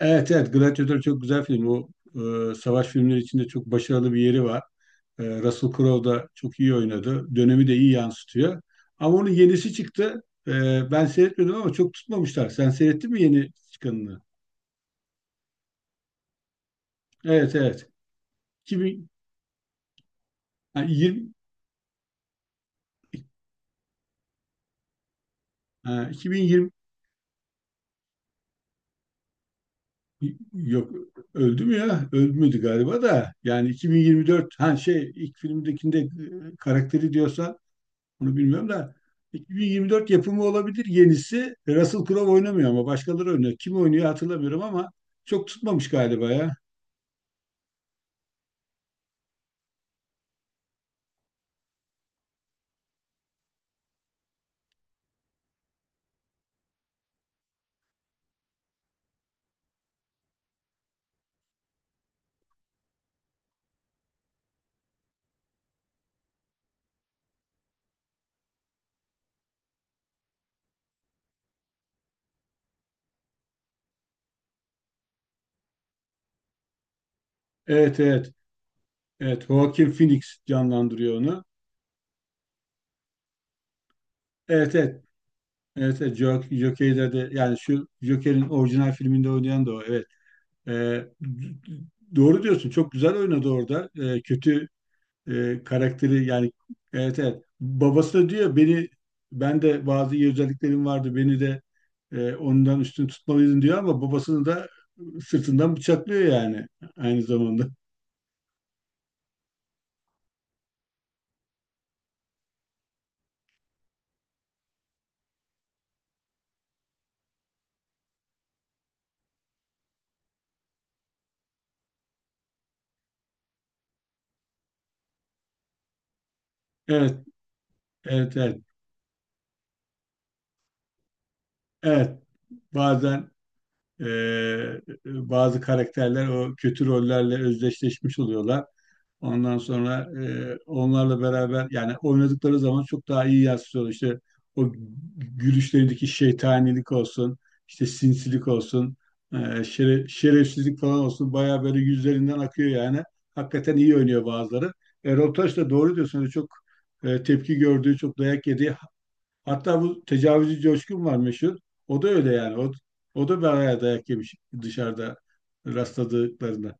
Evet, evet. Gladiator çok güzel film. O, savaş filmleri içinde çok başarılı bir yeri var. Russell Crowe da çok iyi oynadı. Dönemi de iyi yansıtıyor. Ama onun yenisi çıktı. E, Ben seyretmedim ama çok tutmamışlar. Sen seyrettin mi yeni çıkanını? Evet, evet. 2000, ha, 20, ha, 2020. Yok. Öldü mü ya? Ölmedi galiba da. Yani 2024, ha, şey, ilk filmdekinde, karakteri diyorsan onu bilmiyorum da 2024 yapımı olabilir yenisi. Russell Crowe oynamıyor ama başkaları oynuyor. Kim oynuyor hatırlamıyorum ama çok tutmamış galiba ya. Evet, evet. Evet, Joaquin Phoenix canlandırıyor onu. Evet, evet. Evet, evet, Joker'de de yani şu Joker'in orijinal filminde oynayan da o, evet. Ee, d- doğru diyorsun, çok güzel oynadı orada. Kötü, karakteri yani. Evet, evet, babası da diyor, beni, ben de bazı iyi özelliklerim vardı, beni de ondan üstün tutmalıydın diyor ama babasını da sırtından bıçaklıyor yani, aynı zamanda. Evet, evet, evet, evet. Bazen e, bazı karakterler o kötü rollerle özdeşleşmiş oluyorlar. Ondan sonra onlarla beraber yani oynadıkları zaman çok daha iyi yansıtıyor. İşte o gülüşlerindeki şeytanilik olsun, işte sinsilik olsun, e, şerefsizlik falan olsun bayağı böyle yüzlerinden akıyor yani. Hakikaten iyi oynuyor bazıları. Erol Taş da doğru diyorsun. Öyle çok tepki gördüğü, çok dayak yediği. Hatta bu tecavüzcü Coşkun var, meşhur. O da öyle yani. O da bayağı dayak yemiş, dışarıda rastladıklarında.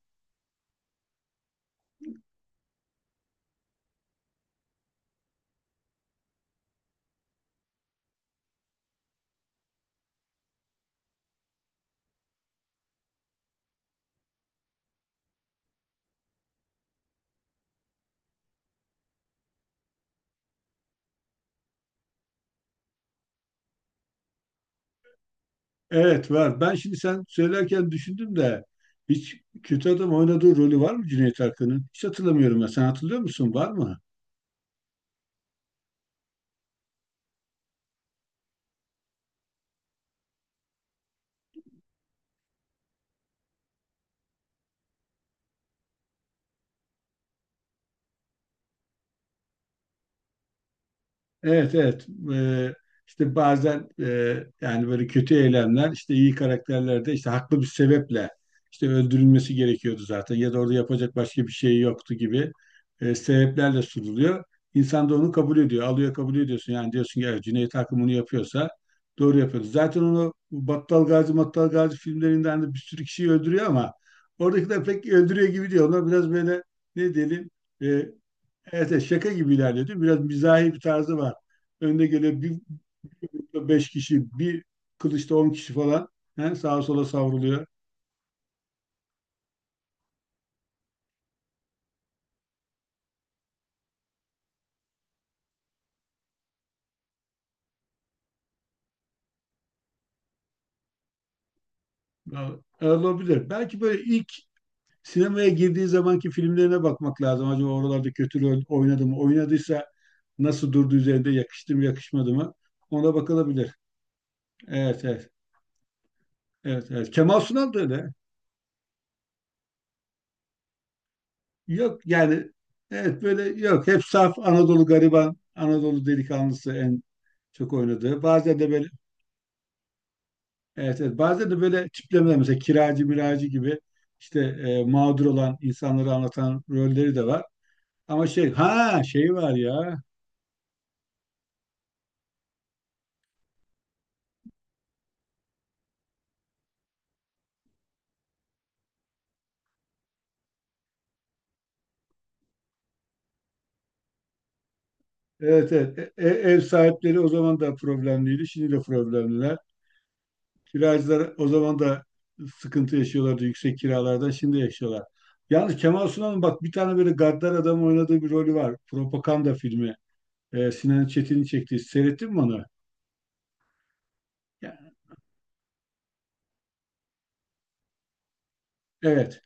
Evet, var. Ben şimdi sen söylerken düşündüm de hiç kötü adam oynadığı rolü var mı Cüneyt Arkın'ın? Hiç hatırlamıyorum ben. Sen hatırlıyor musun? Var mı? Evet, evet. İşte bazen yani böyle kötü eylemler, işte iyi karakterlerde, işte haklı bir sebeple, işte öldürülmesi gerekiyordu zaten ya da orada yapacak başka bir şey yoktu gibi sebeplerle sunuluyor. İnsan da onu kabul ediyor, alıyor, kabul ediyorsun yani, diyorsun ki, "Evet, Cüneyt Arkın bunu yapıyorsa doğru yapıyordu." Zaten onu Battal Gazi Mattal Gazi filmlerinden de bir sürü kişiyi öldürüyor ama oradakiler pek öldürüyor gibi diyor. Onlar biraz böyle, ne diyelim. Evet, evet, şaka gibi ilerliyordu. Biraz mizahi bir tarzı var. Önde gele bir, bir grupta beş kişi, bir kılıçta 10 kişi falan, he, sağa sola savruluyor. Ya, olabilir. Belki böyle ilk sinemaya girdiği zamanki filmlerine bakmak lazım. Acaba oralarda kötü rol oynadı mı? Oynadıysa nasıl durdu üzerinde? Yakıştı mı, yakışmadı mı? Ona bakılabilir. Evet, evet. Evet, evet. Kemal Sunal da öyle. Yok yani, evet, böyle yok. Hep saf Anadolu gariban, Anadolu delikanlısı en çok oynadığı. Bazen de böyle. Evet, evet. Bazen de böyle tiplemeler, mesela kiracı miracı gibi işte mağdur olan insanları anlatan rolleri de var. Ama şey, ha, şey var ya. Evet, evet. Ev sahipleri o zaman da problemliydi, şimdi de problemliler. Kiracılar o zaman da sıkıntı yaşıyorlardı yüksek kiralardan. Şimdi yaşıyorlar. Yalnız Kemal Sunal'ın bak bir tane böyle gaddar adam oynadığı bir rolü var. Propaganda filmi. Sinan Çetin'in çektiği. Seyrettin mi onu? Ya, evet.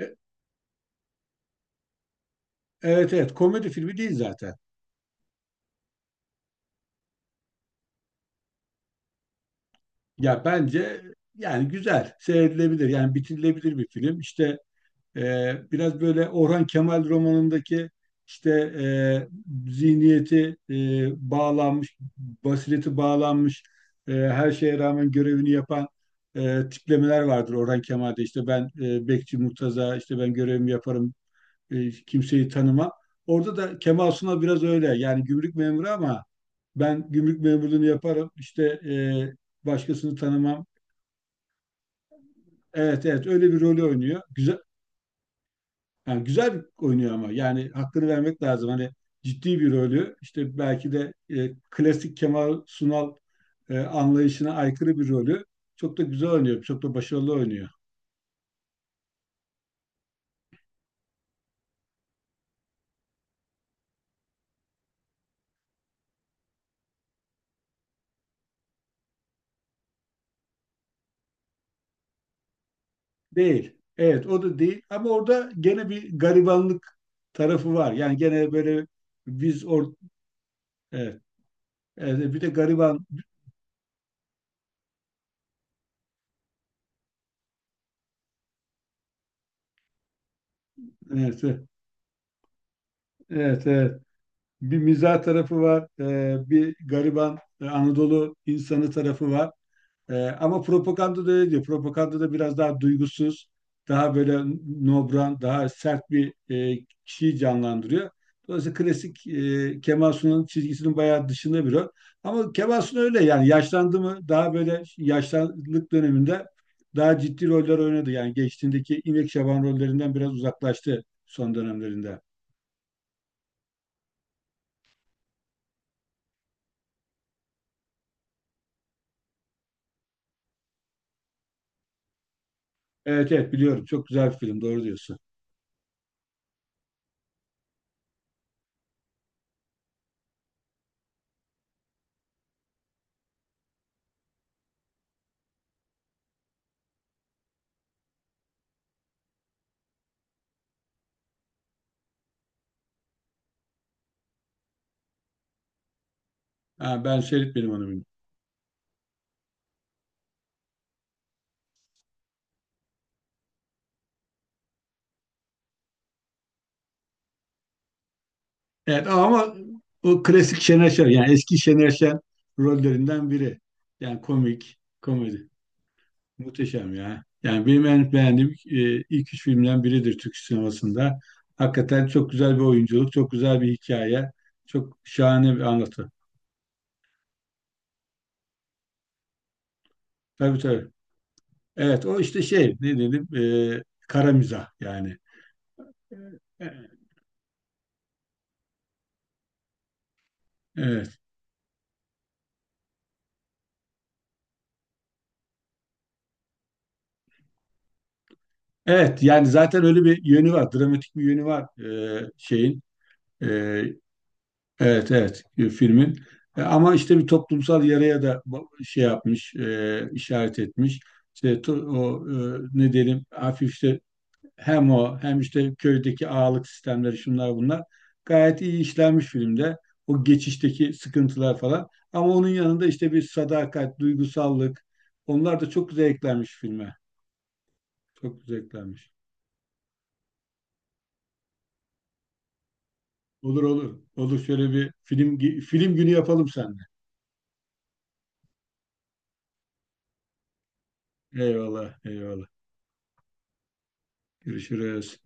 E- evet, evet. Komedi filmi değil zaten. Ya bence yani güzel, seyredilebilir. Yani bitirilebilir bir film. İşte biraz böyle Orhan Kemal romanındaki, işte e, zihniyeti bağlanmış, basireti bağlanmış, her şeye rağmen görevini yapan tiplemeler vardır Orhan Kemal'de. İşte ben, Bekçi Murtaza, işte ben görevimi yaparım, kimseyi tanımam. Orada da Kemal Sunal biraz öyle. Yani gümrük memuru ama ben gümrük memurluğunu yaparım, işte, başkasını tanımam. Evet, evet, öyle bir rolü oynuyor. Güzel, yani güzel oynuyor ama yani hakkını vermek lazım. Hani ciddi bir rolü işte, belki de klasik Kemal Sunal anlayışına aykırı bir rolü çok da güzel oynuyor. Çok da başarılı oynuyor. Değil. Evet, o da değil ama orada gene bir garibanlık tarafı var. Yani gene böyle, biz evet, evet, bir de gariban, evet, evet, evet. Evet. Bir mizah tarafı var. Bir gariban, Anadolu insanı tarafı var. Ee, Ama propaganda da öyle diyor. Propaganda da biraz daha duygusuz, daha böyle nobran, daha sert bir kişiyi canlandırıyor. Dolayısıyla klasik Kemal Sunal'ın çizgisinin bayağı dışında bir o. Ama Kemal Sunal öyle yani yaşlandı mı daha böyle yaşlılık döneminde daha ciddi roller oynadı. Yani geçtiğindeki İpek Şaban rollerinden biraz uzaklaştı son dönemlerinde. Evet, evet, biliyorum. Çok güzel bir film. Doğru diyorsun. Ha, ben seyretmedim onu. Evet ama o klasik Şener Şen yani eski Şener Şen rollerinden biri. Yani komik, komedi. Muhteşem ya. Yani benim en beğendiğim, ilk üç filmden biridir Türk sinemasında. Hakikaten çok güzel bir oyunculuk, çok güzel bir hikaye, çok şahane bir anlatı. Tabii, tabii. Evet, o işte, şey, ne dedim, e, kara mizah yani. E, Evet. Evet, yani zaten öyle bir yönü var. Dramatik bir yönü var şeyin. e, Evet, evet, filmin. Ama işte bir toplumsal yaraya da şey yapmış, işaret etmiş. İşte o, ne diyelim, hafif, işte hem o hem işte köydeki ağalık sistemleri, şunlar bunlar, gayet iyi işlenmiş filmde. O geçişteki sıkıntılar falan. Ama onun yanında işte bir sadakat, duygusallık, onlar da çok güzel eklenmiş filme. Çok güzel eklenmiş. Olur, olur. Olur, şöyle bir film günü yapalım seninle. Eyvallah, eyvallah. Görüşürüz.